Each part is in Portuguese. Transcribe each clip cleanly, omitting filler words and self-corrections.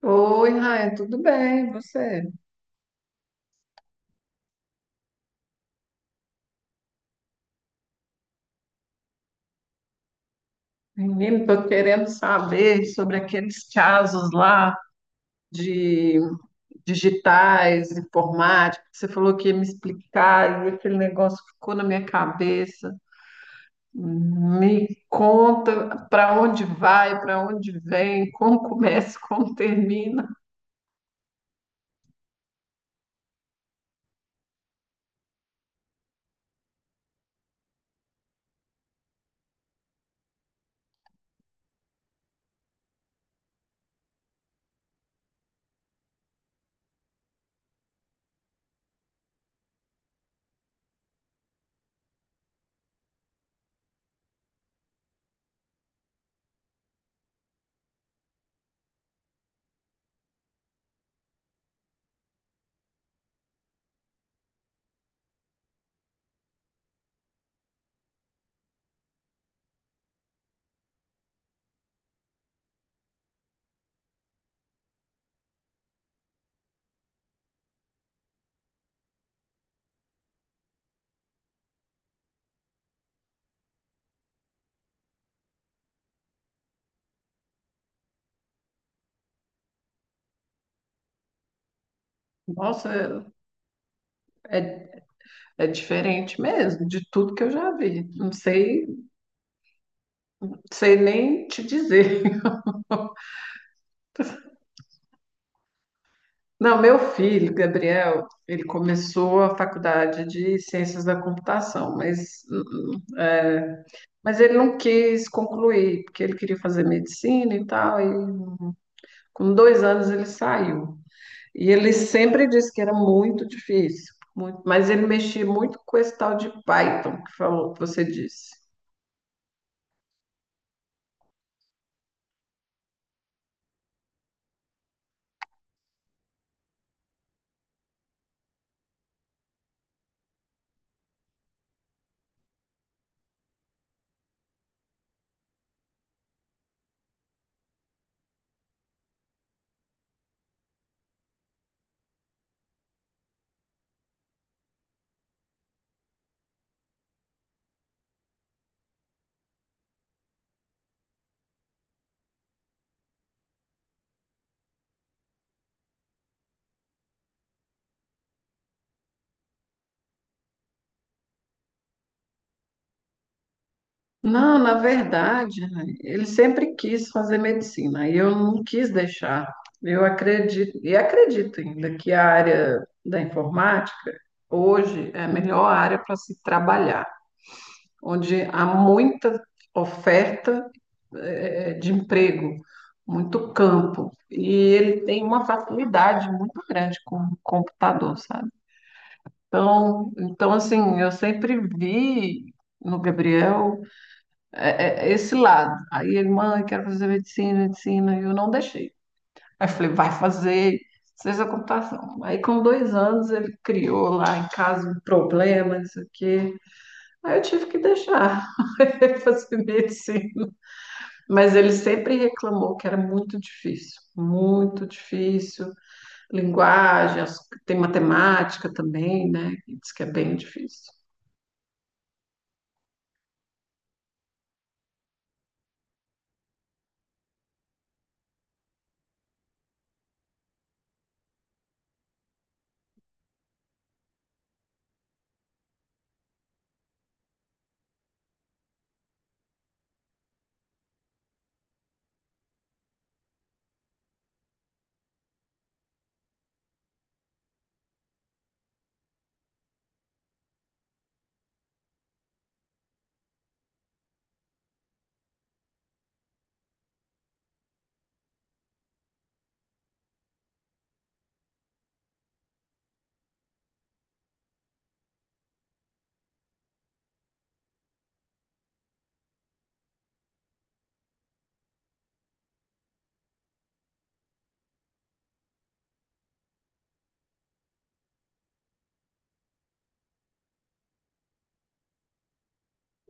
Oi, Raia, tudo bem? E você? Menino, estou querendo saber sobre aqueles casos lá de digitais, informática. Você falou que ia me explicar e aquele negócio ficou na minha cabeça. Me conta para onde vai, para onde vem, como começa, como termina. Nossa, é, é diferente mesmo de tudo que eu já vi. Não sei, sei nem te dizer. Não, meu filho, Gabriel, ele começou a faculdade de Ciências da Computação, mas, hum, é, mas ele não quis concluir, porque ele queria fazer medicina e tal, e com dois anos ele saiu. E ele sempre disse que era muito difícil, muito, mas ele mexia muito com esse tal de Python que falou, que você disse. Não, na verdade, né, ele sempre quis fazer medicina e eu não quis deixar. Eu acredito, e acredito ainda que a área da informática hoje é a melhor área para se trabalhar, onde há muita oferta, de emprego, muito campo, e ele tem uma facilidade muito grande com o computador, sabe? Então, então assim, eu sempre vi no Gabriel é esse lado. Aí ele, mãe, quero fazer medicina, medicina, e eu não deixei. Aí eu falei, vai fazer ciência da computação. Aí com dois anos ele criou lá em casa um problema, não sei o quê. Aí eu tive que deixar ele fazer medicina. Mas ele sempre reclamou que era muito difícil, muito difícil. Linguagem, tem matemática também, né? Que diz que é bem difícil.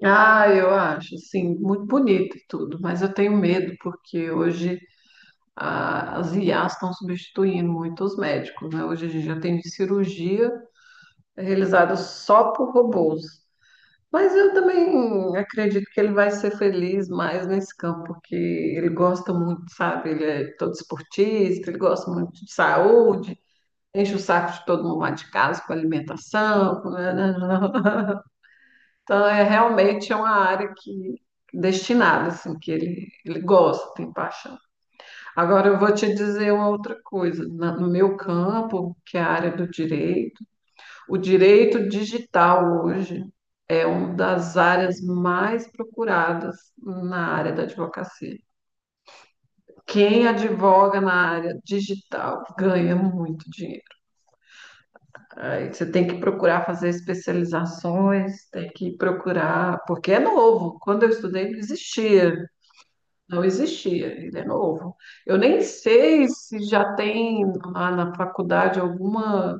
Ah, eu acho, assim, muito bonito e tudo, mas eu tenho medo, porque hoje as IAs estão substituindo muito os médicos, né? Hoje a gente já tem cirurgia realizada só por robôs. Mas eu também acredito que ele vai ser feliz mais nesse campo, porque ele gosta muito, sabe? Ele é todo esportista, ele gosta muito de saúde, enche o saco de todo mundo lá de casa com alimentação. Então realmente é uma área que destinada, assim, que ele gosta, tem paixão. Agora eu vou te dizer uma outra coisa. No meu campo, que é a área do direito, o direito digital hoje é uma das áreas mais procuradas na área da advocacia. Quem advoga na área digital ganha muito dinheiro. Aí você tem que procurar fazer especializações, tem que procurar, porque é novo. Quando eu estudei, não existia. Não existia, ele é novo. Eu nem sei se já tem lá na faculdade alguma,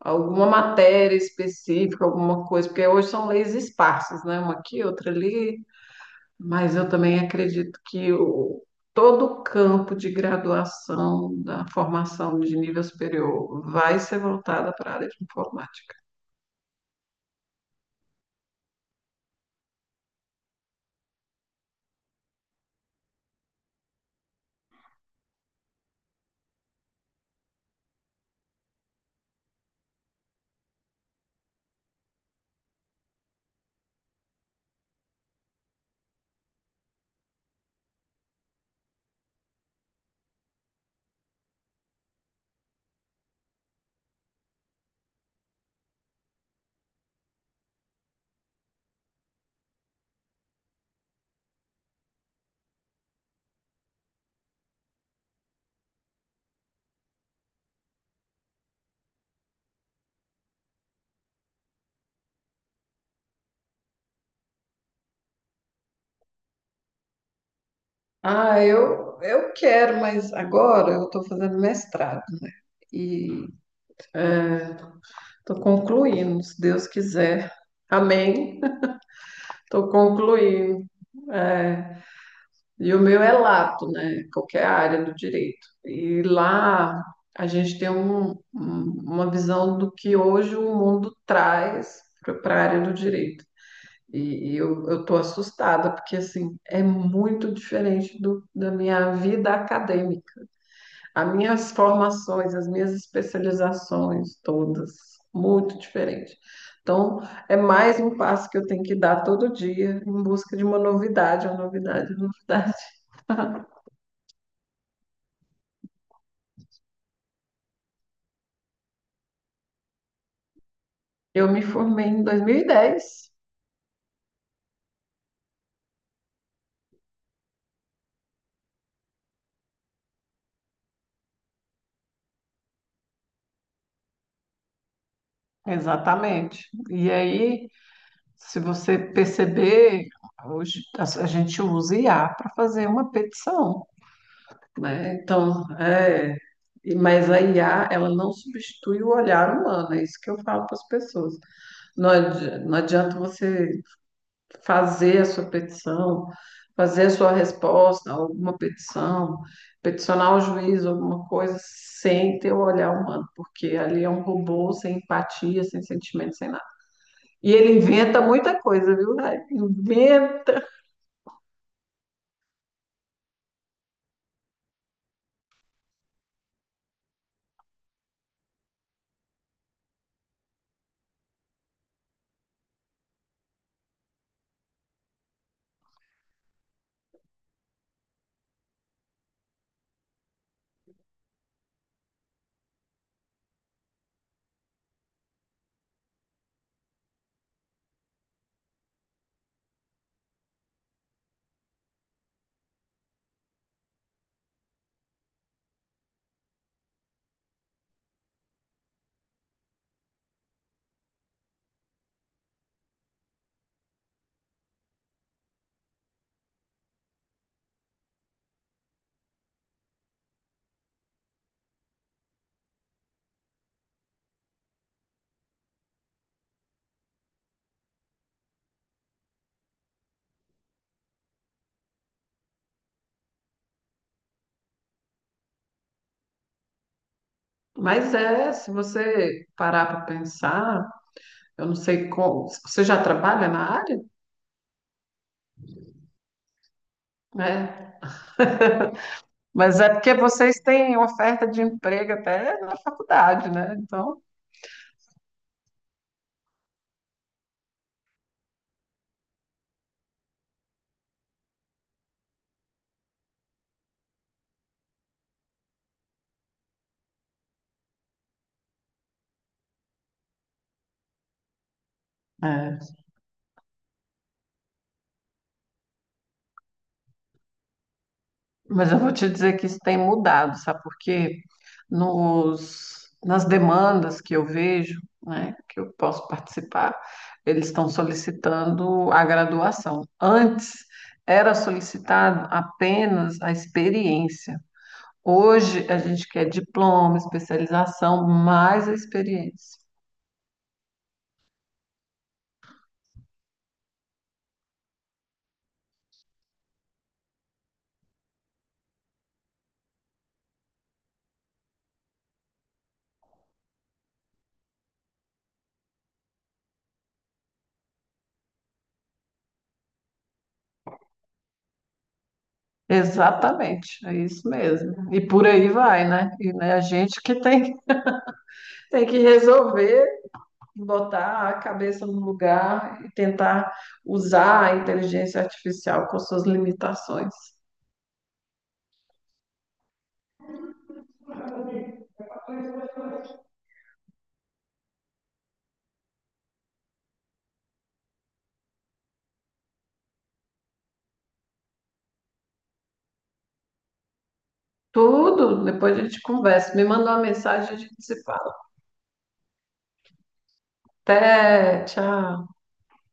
alguma matéria específica, alguma coisa, porque hoje são leis esparsas, né? Uma aqui, outra ali, mas eu também acredito que todo o campo de graduação da formação de nível superior vai ser voltada para a área de informática. Ah, eu quero, mas agora eu estou fazendo mestrado e estou concluindo, se Deus quiser. Amém. Estou concluindo. É, e o meu é lato, né? Qualquer área do direito. E lá a gente tem uma visão do que hoje o mundo traz para a área do direito. E, eu tô assustada, porque assim, é muito diferente da minha vida acadêmica. As minhas formações, as minhas especializações, todas, muito diferente. Então, é mais um passo que eu tenho que dar todo dia em busca de uma novidade, uma novidade, uma novidade. Eu me formei em 2010, exatamente. E aí, se você perceber, hoje a gente usa IA para fazer uma petição, né? Então, mas a IA, ela não substitui o olhar humano, é isso que eu falo para as pessoas. Não adianta você fazer a sua petição, fazer a sua resposta, alguma petição, peticionar o juiz, alguma coisa, sem ter o olhar humano, porque ali é um robô sem empatia, sem sentimento, sem nada. E ele inventa muita coisa, viu? Rai? Inventa. Mas é, se você parar para pensar, eu não sei como. Você já trabalha na área? Né? Mas é porque vocês têm oferta de emprego até na faculdade, né? Então. É. Mas eu vou te dizer que isso tem mudado, sabe? Porque nas demandas que eu vejo, né, que eu posso participar, eles estão solicitando a graduação. Antes era solicitado apenas a experiência. Hoje a gente quer diploma, especialização, mais a experiência. Exatamente, é isso mesmo. E por aí vai, né? E né, a gente que tem, tem que resolver botar a cabeça no lugar e tentar usar a inteligência artificial com suas limitações. Tudo, depois a gente conversa. Me manda uma mensagem, e a gente se fala. Até, tchau.